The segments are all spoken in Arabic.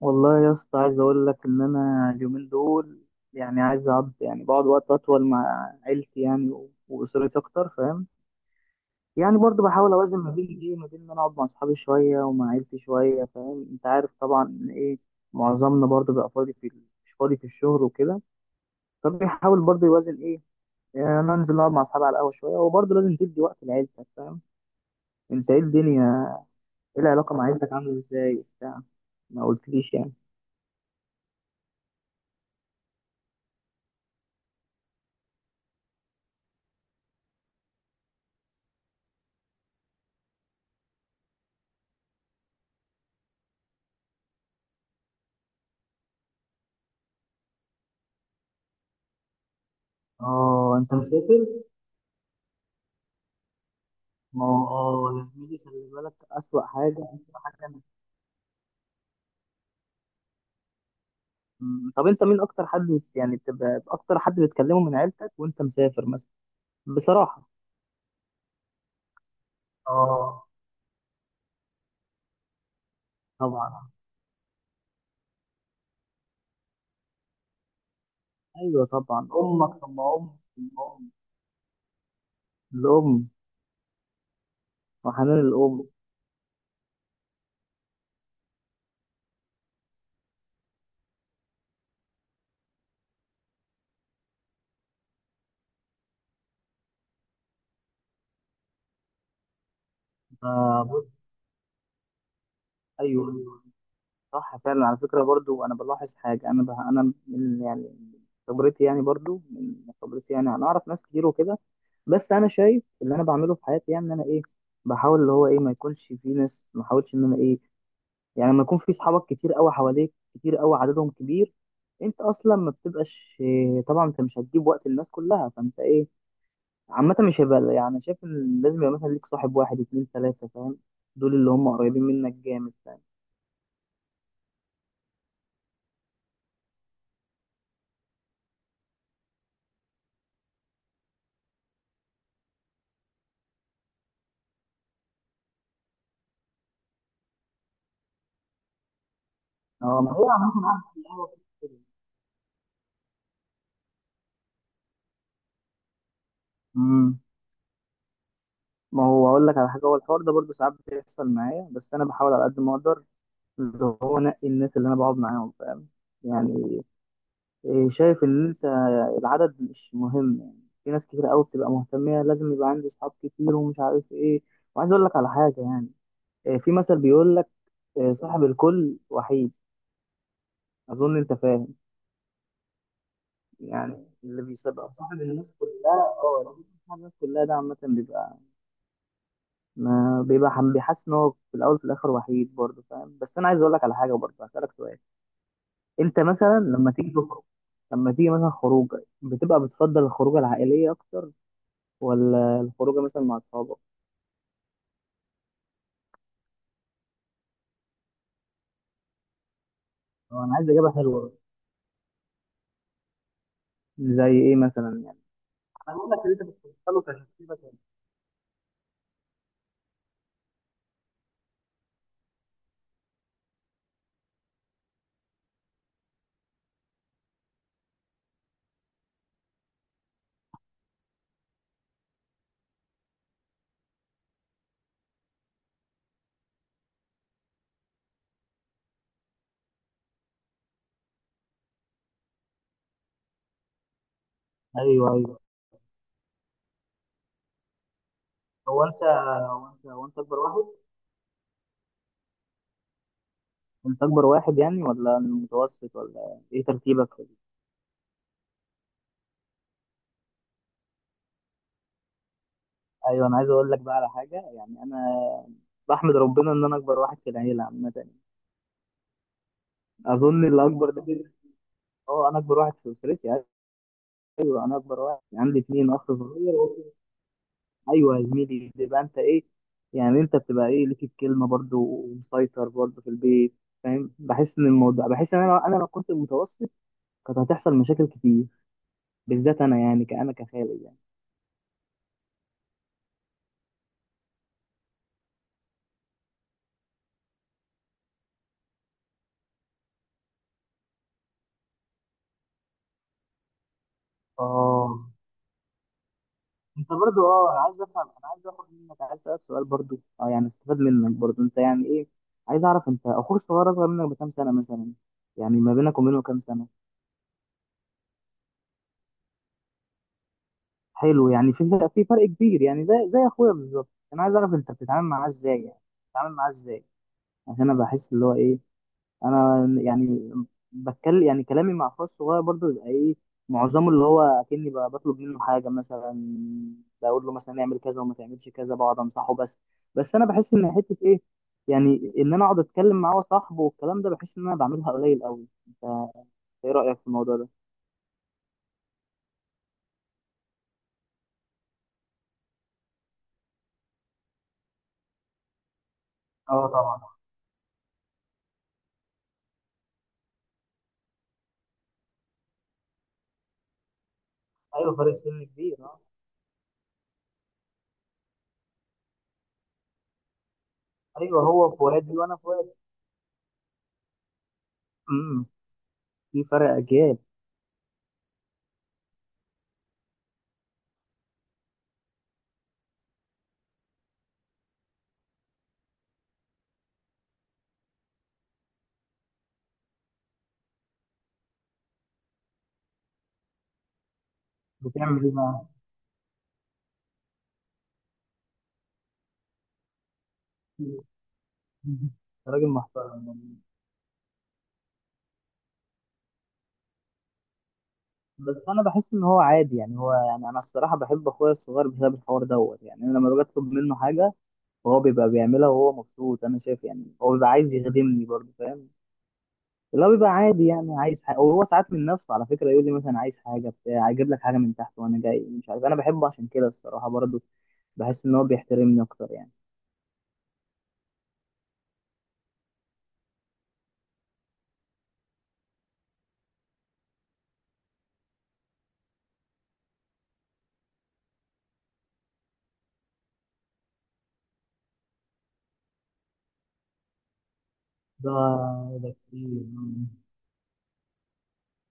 والله يا اسطى، عايز اقول لك ان انا اليومين دول يعني عايز اقعد، يعني بقعد وقت اطول مع عيلتي يعني واسرتي اكتر. فاهم؟ يعني برضه بحاول اوازن ما بين ايه، ما بين ان انا اقعد مع اصحابي شويه ومع عيلتي شويه. فاهم؟ انت عارف طبعا ان ايه، معظمنا برضه بيبقى فاضي مش فاضي في الشغل وكده. فبيحاول برضه يوازن ايه، يعني انا انزل اقعد مع اصحابي على القهوه شويه وبرضه لازم تدي وقت لعيلتك. فاهم؟ انت ايه الدنيا؟ ايه العلاقه مع عيلتك عامله ازاي وبتاع؟ ما قلتليش يعني. اه، انت مسافر. ما هو اه يا زميلي، خلي بالك، أسوأ حاجة أسوأ حاجة مم. طب أنت مين أكتر حد يعني بتبقى أكتر حد بتكلمه من عيلتك وأنت مسافر مثلا؟ بصراحة. اه، طبعا. أيوه طبعا، امك ثم امك ثم امك. الأم الأم. وحنان الأم. آه، بص. أيوه أيوة. صح فعلا، على فكرة، برضو أنا بلاحظ حاجة. أنا بها أنا من يعني من خبرتي، يعني برضو من خبرتي، يعني أنا أعرف ناس كتير وكده. بس أنا شايف اللي أنا بعمله في حياتي يعني، إن أنا إيه، بحاول اللي هو إيه، ما يكونش في ناس، ما أحاولش إن أنا إيه. يعني لما يكون في صحابك كتير أوي حواليك، كتير أوي عددهم كبير، أنت أصلا ما بتبقاش إيه، طبعا أنت مش هتجيب وقت الناس كلها. فأنت إيه، عامة مش هيبقى يعني، شايف إن لازم يبقى مثلا ليك صاحب، واحد اتنين تلاتة، فاهم؟ دول اللي هم قريبين منك جامد، فاهم؟ هو ما هو عامة. امم ما هو اقول لك على حاجه، هو الحوار ده برضه ساعات بيحصل معايا، بس انا بحاول على قد ما اقدر اللي هو انقي الناس اللي انا بقعد معاهم. فاهم؟ يعني إيه، شايف ان انت العدد مش مهم. يعني في ناس كتير قوي بتبقى مهتميه، لازم يبقى عندي اصحاب كتير ومش عارف ايه. وعايز اقول لك على حاجه يعني، إيه، في مثل بيقول لك إيه، صاحب الكل وحيد. اظن انت فاهم. يعني اللي بيسبق صاحب الناس كلها، اه، اللي بيبقى صاحب الناس كلها ده عامه بيبقى، ما بيبقى حم- بيحس ان هو في الاول في الاخر وحيد برضه. فاهم؟ بس انا عايز اقول لك على حاجه برضه، هسالك سؤال. انت مثلا لما تيجي تخرج، لما تيجي مثلا خروجه، بتبقى بتفضل الخروجه العائليه اكتر، ولا الخروجه مثلا مع اصحابك؟ هو انا عايز اجابه حلوه. زي ايه مثلا يعني؟ انا بقول لك اللي انت بتفضله كشخصيتك يعني. ايوه ايوه. هو انت هو انت اكبر واحد. انت اكبر واحد يعني، ولا متوسط، ولا ايه ترتيبك في دي؟ ايوه، انا عايز اقول لك بقى على حاجه يعني، انا بحمد ربنا ان انا اكبر واحد في العيله عامه. اظن اللي اكبر ده بيبقى- اه، انا اكبر واحد في اسرتي. ايوه انا اكبر واحد، عندي اتنين اخ صغير. ايوه يا زميلي، بيبقى انت ايه، يعني انت بتبقى ايه، ليك الكلمه برضو ومسيطر برضو في البيت. فاهم؟ بحس ان الموضوع، بحس ان انا لو كنت متوسط كانت هتحصل مشاكل كتير، بالذات انا يعني كأنا كخالد يعني. اه، انت برضو، اه أنا عايز افهم، انا عايز اخد منك، عايز اسالك سؤال برضو، اه يعني استفاد منك برضو انت يعني ايه. عايز اعرف، انت اخوك الصغير اصغر منك بكام سنه مثلا؟ يعني ما بينك وبينه كام سنه؟ حلو، يعني في فرق كبير يعني، زي اخويا بالظبط. انا عايز اعرف، انت بتتعامل معاه ازاي يعني؟ بتتعامل معاه ازاي؟ عشان انا بحس اللي هو ايه، انا يعني بتكلم يعني كلامي مع اخويا الصغير برضه بيبقى ايه، معظمه اللي هو اكني بطلب منه حاجه مثلا، بقول له مثلا اعمل كذا وما تعملش كذا، بقعد انصحه بس انا بحس ان حته ايه، يعني ان انا اقعد اتكلم معاه وصاحبه والكلام ده، بحس ان انا بعملها قليل قوي. انت ايه رايك في الموضوع ده؟ اه طبعا. ايوه، فرق سن كبير. اه ايوه، هو في وادي وانا في وادي. في فرق أجيال. بتعمل إيه بقى؟ راجل محترم والله. بس أنا بحس إن هو عادي يعني، هو يعني، أنا الصراحة بحب أخويا الصغير بسبب الحوار دوت يعني. أنا لما باجي أطلب منه حاجة وهو بيبقى بيعملها وهو مبسوط، أنا شايف يعني هو بيبقى عايز يخدمني برضه. فاهم؟ اللي هو بيبقى عادي يعني، عايز حاجة وهو ساعات من نفسه على فكرة يقول لي مثلا، عايز حاجة بتاع، أجيب لك حاجة من تحت وأنا جاي، مش عارف، أنا بحبه عشان كده الصراحة برضه بحس إن هو بيحترمني أكتر يعني. ده ده كتير.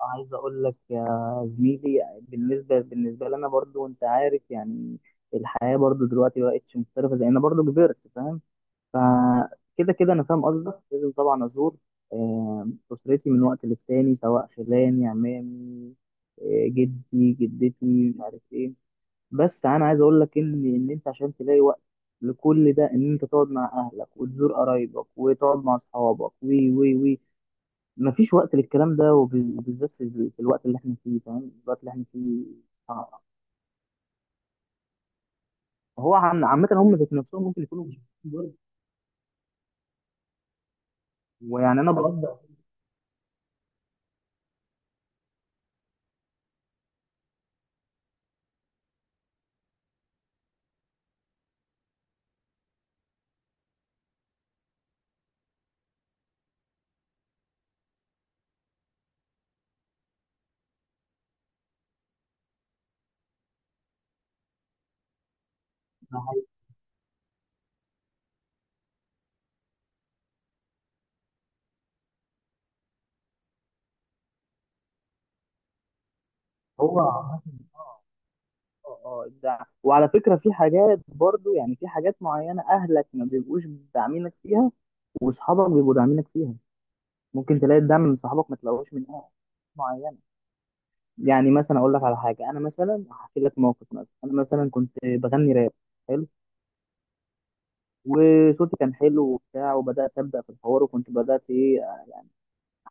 عايز اقول لك يا زميلي، بالنسبه لنا برضو، انت عارف يعني الحياه برضو دلوقتي بقتش مختلفه، زي انا برضو كبرت. فاهم؟ فكده كده انا فاهم قصدك، لازم طبعا ازور اسرتي من وقت للتاني سواء خلاني عمامي، جدي جدتي، مش عارف ايه. بس انا عايز اقول لك ان انت عشان تلاقي وقت لكل ده، ان انت تقعد مع اهلك وتزور قرايبك وتقعد مع اصحابك وي وي وي، مفيش وقت للكلام ده. وبالذات في الوقت اللي احنا فيه. فاهم؟ الوقت اللي احنا فيه صعب. هو عامة هم ذات نفسهم ممكن يكونوا مش فاهمين برضه. ويعني انا بقدر، هو عامة. اه اه إبداع. وعلى فكرة في حاجات برضه يعني، في حاجات معينة أهلك ما بيبقوش داعمينك فيها، وأصحابك بيبقوا داعمينك فيها. ممكن تلاقي الدعم من صحابك ما تلاقوش من أهل معينة. يعني مثلا أقول لك على حاجة، أنا مثلا هحكي لك موقف، مثلا أنا مثلا كنت بغني راب. حلو؟ وصوتي كان حلو وبتاع، وبدات ابدا في الحوار، وكنت بدات ايه، يعني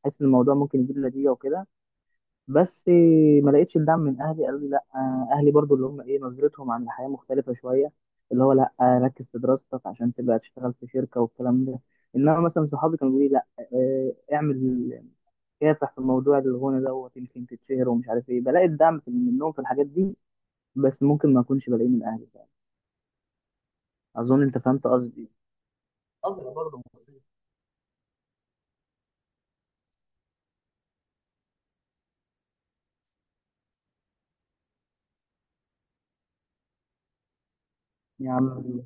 احس ان الموضوع ممكن يجيب نتيجه وكده. بس ما لقيتش الدعم من اهلي، قالوا لي لا، اهلي برضو اللي هم ايه، نظرتهم عن الحياه مختلفه شويه، اللي هو لا، ركز في دراستك عشان تبقى تشتغل في شركه والكلام ده. انما مثلا صحابي كانوا بيقولوا لي لا، اعمل كافح في الموضوع الغنى دوت، يمكن تتشهر ومش عارف ايه. بلاقي الدعم منهم في الحاجات دي، بس ممكن ما اكونش بلاقيه من اهلي فعلا. اظن انت فهمت قصدي. قصدي برضه. يا عم،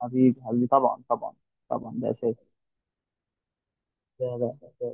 حبيبي حبيبي طبعا طبعا طبعا، ده اساسي. ده أساسي.